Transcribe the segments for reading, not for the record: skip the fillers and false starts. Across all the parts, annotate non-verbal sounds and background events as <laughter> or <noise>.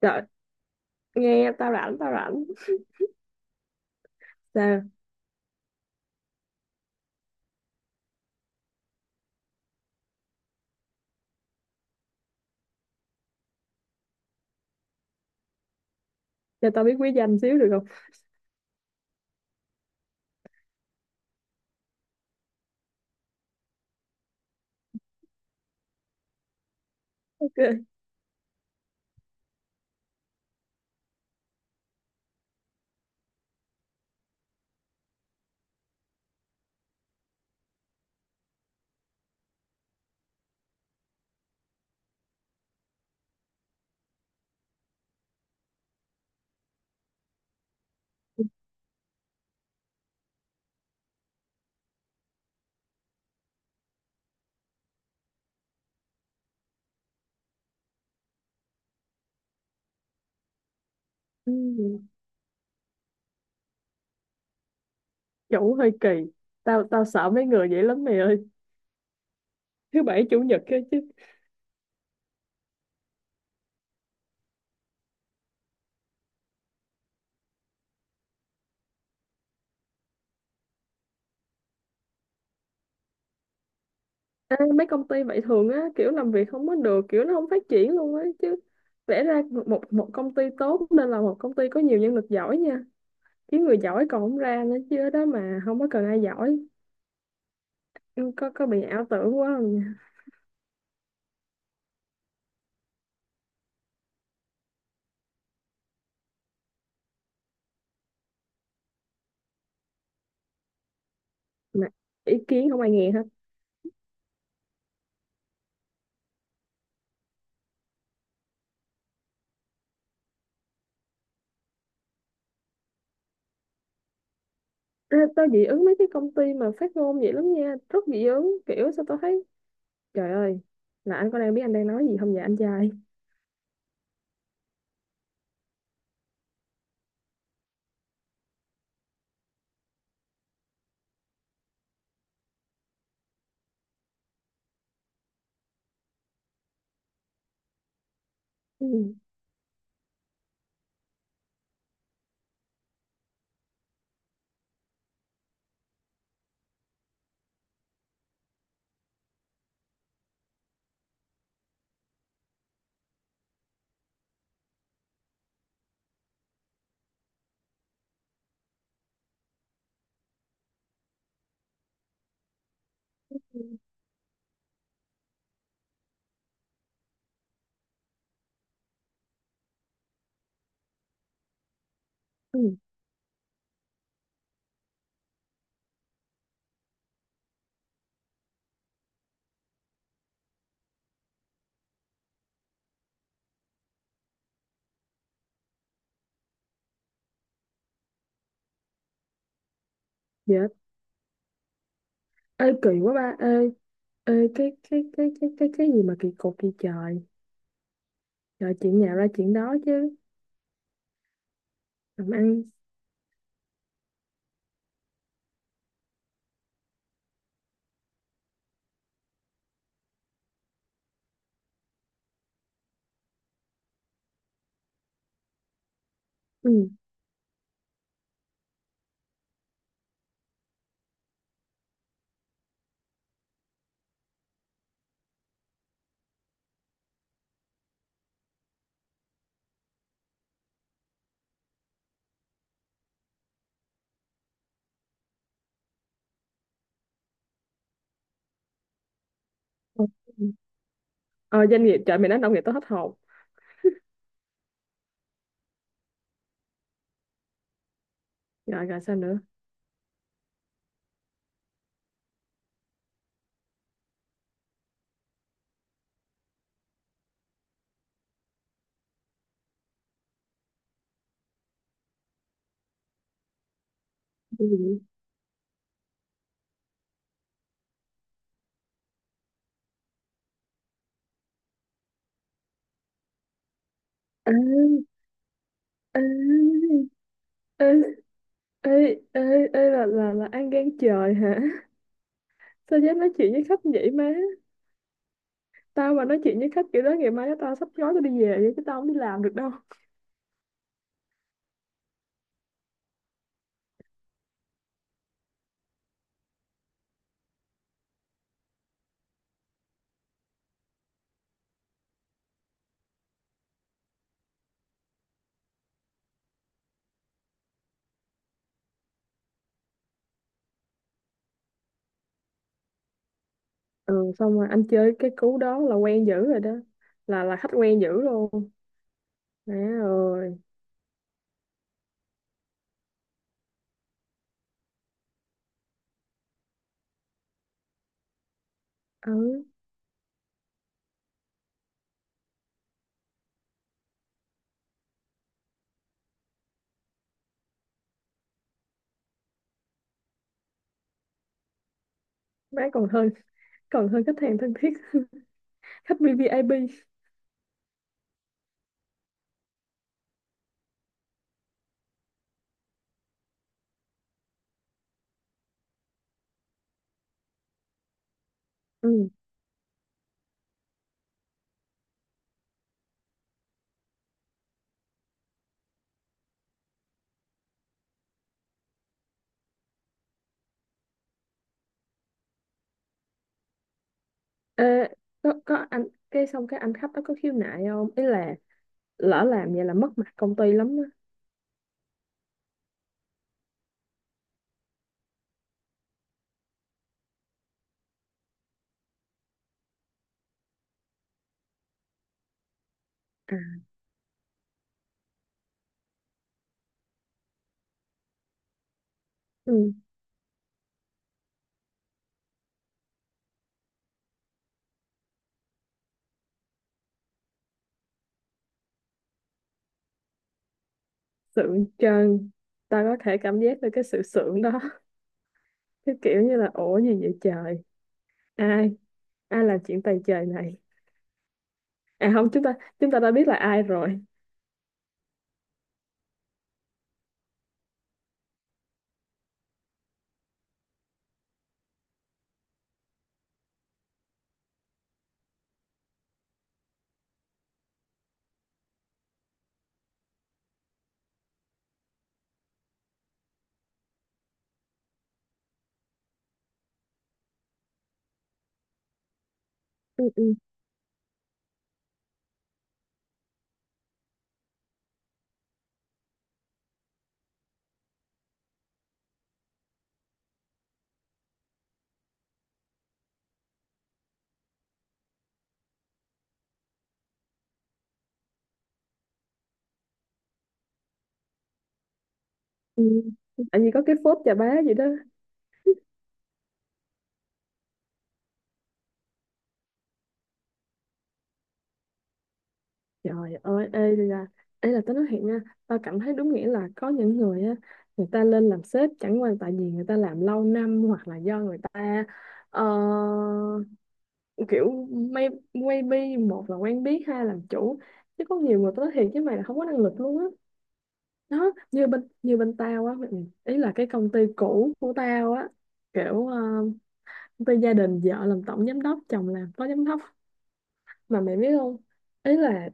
Trời, nghe tao rảnh, tao rảnh. Sao? Cho tao biết quý danh xíu được không? Ok. Ừ, chủ hơi kỳ. Tao tao sợ mấy người vậy lắm mày ơi. Thứ bảy chủ nhật kia chứ. Ê, mấy công ty vậy thường á, kiểu làm việc không có được, kiểu nó không phát triển luôn á chứ. Vẽ ra một một công ty tốt nên là một công ty có nhiều nhân lực giỏi nha. Kiếm người giỏi còn không ra nữa chứ ở đó mà không có cần ai giỏi. Ừ, có bị ảo tưởng quá không nha. Mà ý kiến không ai nghe. Ê, tao dị ứng mấy cái công ty mà phát ngôn vậy lắm nha, rất dị ứng, kiểu sao tao thấy trời ơi là anh có đang biết anh đang nói gì không vậy anh trai? Ừ. Ừ. Ừ, dạ. Ê kỳ quá ba, ê ê cái gì mà kỳ cục kỳ trời. Trời, chuyện nào ra chuyện đó chứ. Làm ăn. Ừ. Ừ. Ờ, doanh nghiệp, trời mày nói nông nghiệp tao hết hồn. Rồi rồi, sao nữa? Cái gì? Ê, ê, ê, ê, ê, ê, là ăn gan trời hả? Sao dám nói chuyện với khách vậy má? Tao mà nói chuyện với khách kiểu đó ngày mai đó tao sắp gói tao đi về vậy chứ tao không đi làm được đâu. Ừ, xong rồi anh chơi cái cú đó là quen dữ rồi đó, là khách quen dữ luôn. Má ơi. Ừ, má còn hơn khách hàng thân thiết. <laughs> khách VVIP. Ừ. Ê, có anh, cái xong cái anh khách đó có khiếu nại không, ý là lỡ làm vậy là mất mặt công ty lắm á. À. Ừ. Sượng trân. Tao có thể cảm giác được cái sự sượng đó. <laughs> cái kiểu như là ủa gì vậy trời, ai ai làm chuyện tày trời này. À không, chúng ta đã biết là ai rồi. Ừ, ừ, ừ. Tự nhiên có cái phốt chà bá gì đó. Trời ơi. Ê là tao nói thiệt nha, tao cảm thấy đúng nghĩa là có những người á, người ta lên làm sếp chẳng qua tại vì người ta làm lâu năm hoặc là do người ta ờ, kiểu maybe một là quen biết, hai là làm chủ. Chứ có nhiều người tao nói thiệt với mày là không có năng lực luôn á. Đó như bên tao á, ý là cái công ty cũ của tao á, kiểu, với gia đình vợ làm tổng giám đốc, chồng làm phó giám đốc. Mà mày biết không? Ý là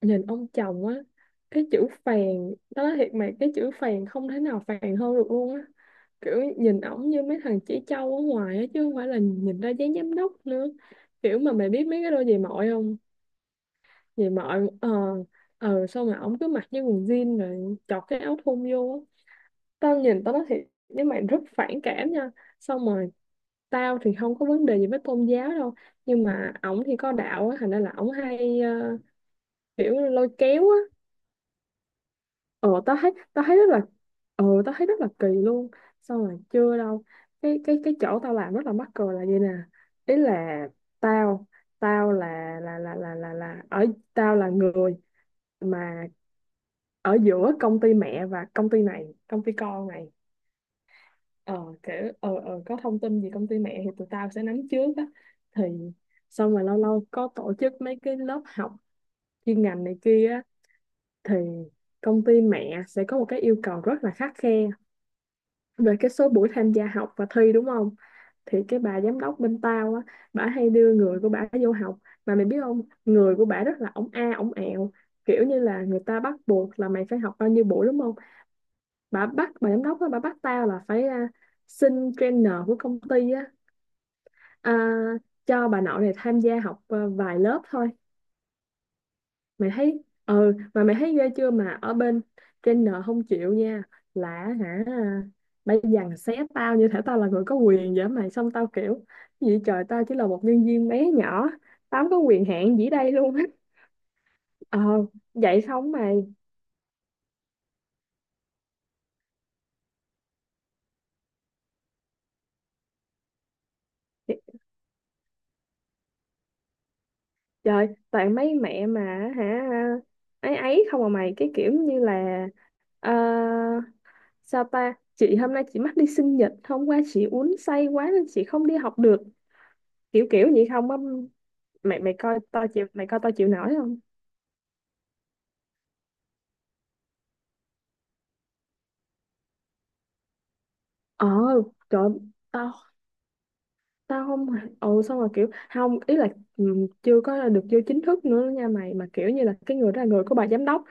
nhìn ông chồng á, cái chữ phèn, đó nói thiệt mày, cái chữ phèn không thể nào phèn hơn được luôn á. Kiểu nhìn ổng như mấy thằng chỉ trâu ở ngoài á, chứ không phải là nhìn ra dáng giám đốc nữa. Kiểu mà mày biết mấy cái đôi giày mọi không? Giày mọi, sao mà ổng cứ mặc như quần jean rồi chọt cái áo thun vô á. Tao nhìn tao nói thiệt với mày rất phản cảm nha. Xong rồi tao thì không có vấn đề gì với tôn giáo đâu nhưng mà ổng thì có đạo á thành ra là ổng hay kiểu lôi kéo á. ờ tao thấy tao thấy rất là Tao thấy rất là kỳ luôn. Xong rồi chưa đâu, cái chỗ tao làm rất là mắc cười là vậy nè. Ý là tao tao là ở tao là người mà ở giữa công ty mẹ và công ty này, công ty con này. Ờ Kiểu có thông tin gì công ty mẹ thì tụi tao sẽ nắm trước á. Thì xong rồi lâu lâu có tổ chức mấy cái lớp học chuyên ngành này kia á, thì công ty mẹ sẽ có một cái yêu cầu rất là khắt khe về cái số buổi tham gia học và thi, đúng không? Thì cái bà giám đốc bên tao á, bả hay đưa người của bả vô học. Mà mày biết không, người của bả rất là ổng a ổng ẹo. Kiểu như là người ta bắt buộc là mày phải học bao nhiêu buổi đúng không? Bà giám đốc á bà bắt tao là phải, xin trainer của công ty á, à, cho bà nội này tham gia học vài lớp thôi. Mày thấy, ừ mà mày thấy ghê chưa, mà ở bên trainer không chịu nha. Là hả? Bà dằn xé tao như thể tao là người có quyền vậy mày, xong tao kiểu gì trời tao chỉ là một nhân viên bé nhỏ, tao không có quyền hạn gì đây luôn á. <laughs> ờ Vậy xong mày. Trời toàn mấy mẹ mà hả. Ấy ấy, không à mày, cái kiểu như là, ờ, sao ta? Chị hôm nay chị mắc đi sinh nhật, hôm qua chị uống say quá nên chị không đi học được. Kiểu kiểu vậy không á. Mày mày coi tao chịu mày coi tao chịu nổi không? Ờ, Trời ơi, tao tao không. Ừ, xong rồi kiểu không, ý là ừ, chưa có được vô chính thức nữa nha mày, mà kiểu như là cái người đó là người của bà giám đốc.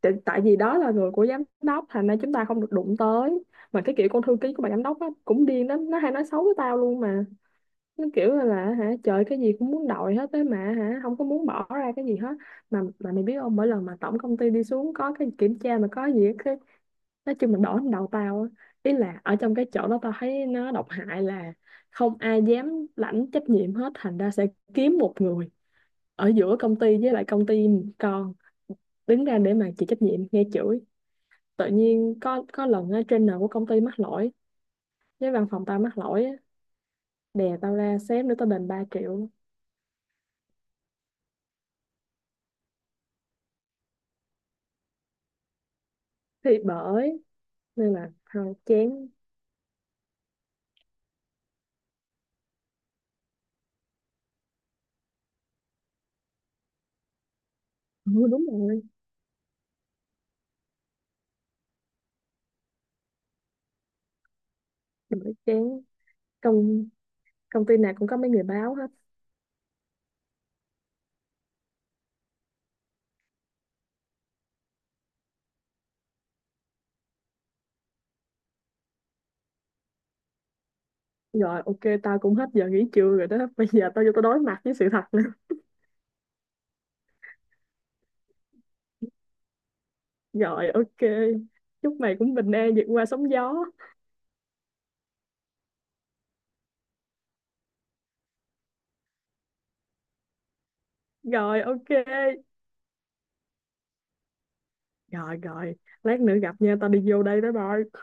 Tại vì đó là người của giám đốc thành ra chúng ta không được đụng tới. Mà cái kiểu con thư ký của bà giám đốc á cũng điên lắm, nó hay nói xấu với tao luôn mà. Nó kiểu là hả trời, cái gì cũng muốn đòi hết á, mà hả không có muốn bỏ ra cái gì hết. Mà mày biết không, mỗi lần mà tổng công ty đi xuống có cái kiểm tra mà có gì á, cái nói chung là đổ lên đầu tao á. Ý là ở trong cái chỗ đó tao thấy nó độc hại là không ai dám lãnh trách nhiệm hết, thành ra sẽ kiếm một người ở giữa công ty với lại công ty con đứng ra để mà chịu trách nhiệm nghe chửi. Tự nhiên có lần á, trainer của công ty mắc lỗi với văn phòng tao mắc lỗi á, đè tao ra, sếp nữa tao đền 3 triệu. Thì bởi nên là thôi chán. Ừ, đúng rồi, bởi chán, công công ty nào cũng có mấy người báo hết. Rồi ok tao cũng hết giờ nghỉ trưa rồi đó, bây giờ tao vô tao đối mặt với sự thật nữa. Rồi ok, chúc mày cũng bình an vượt qua sóng gió. Rồi ok, rồi rồi, lát nữa gặp nha, tao đi vô đây. Bye bye.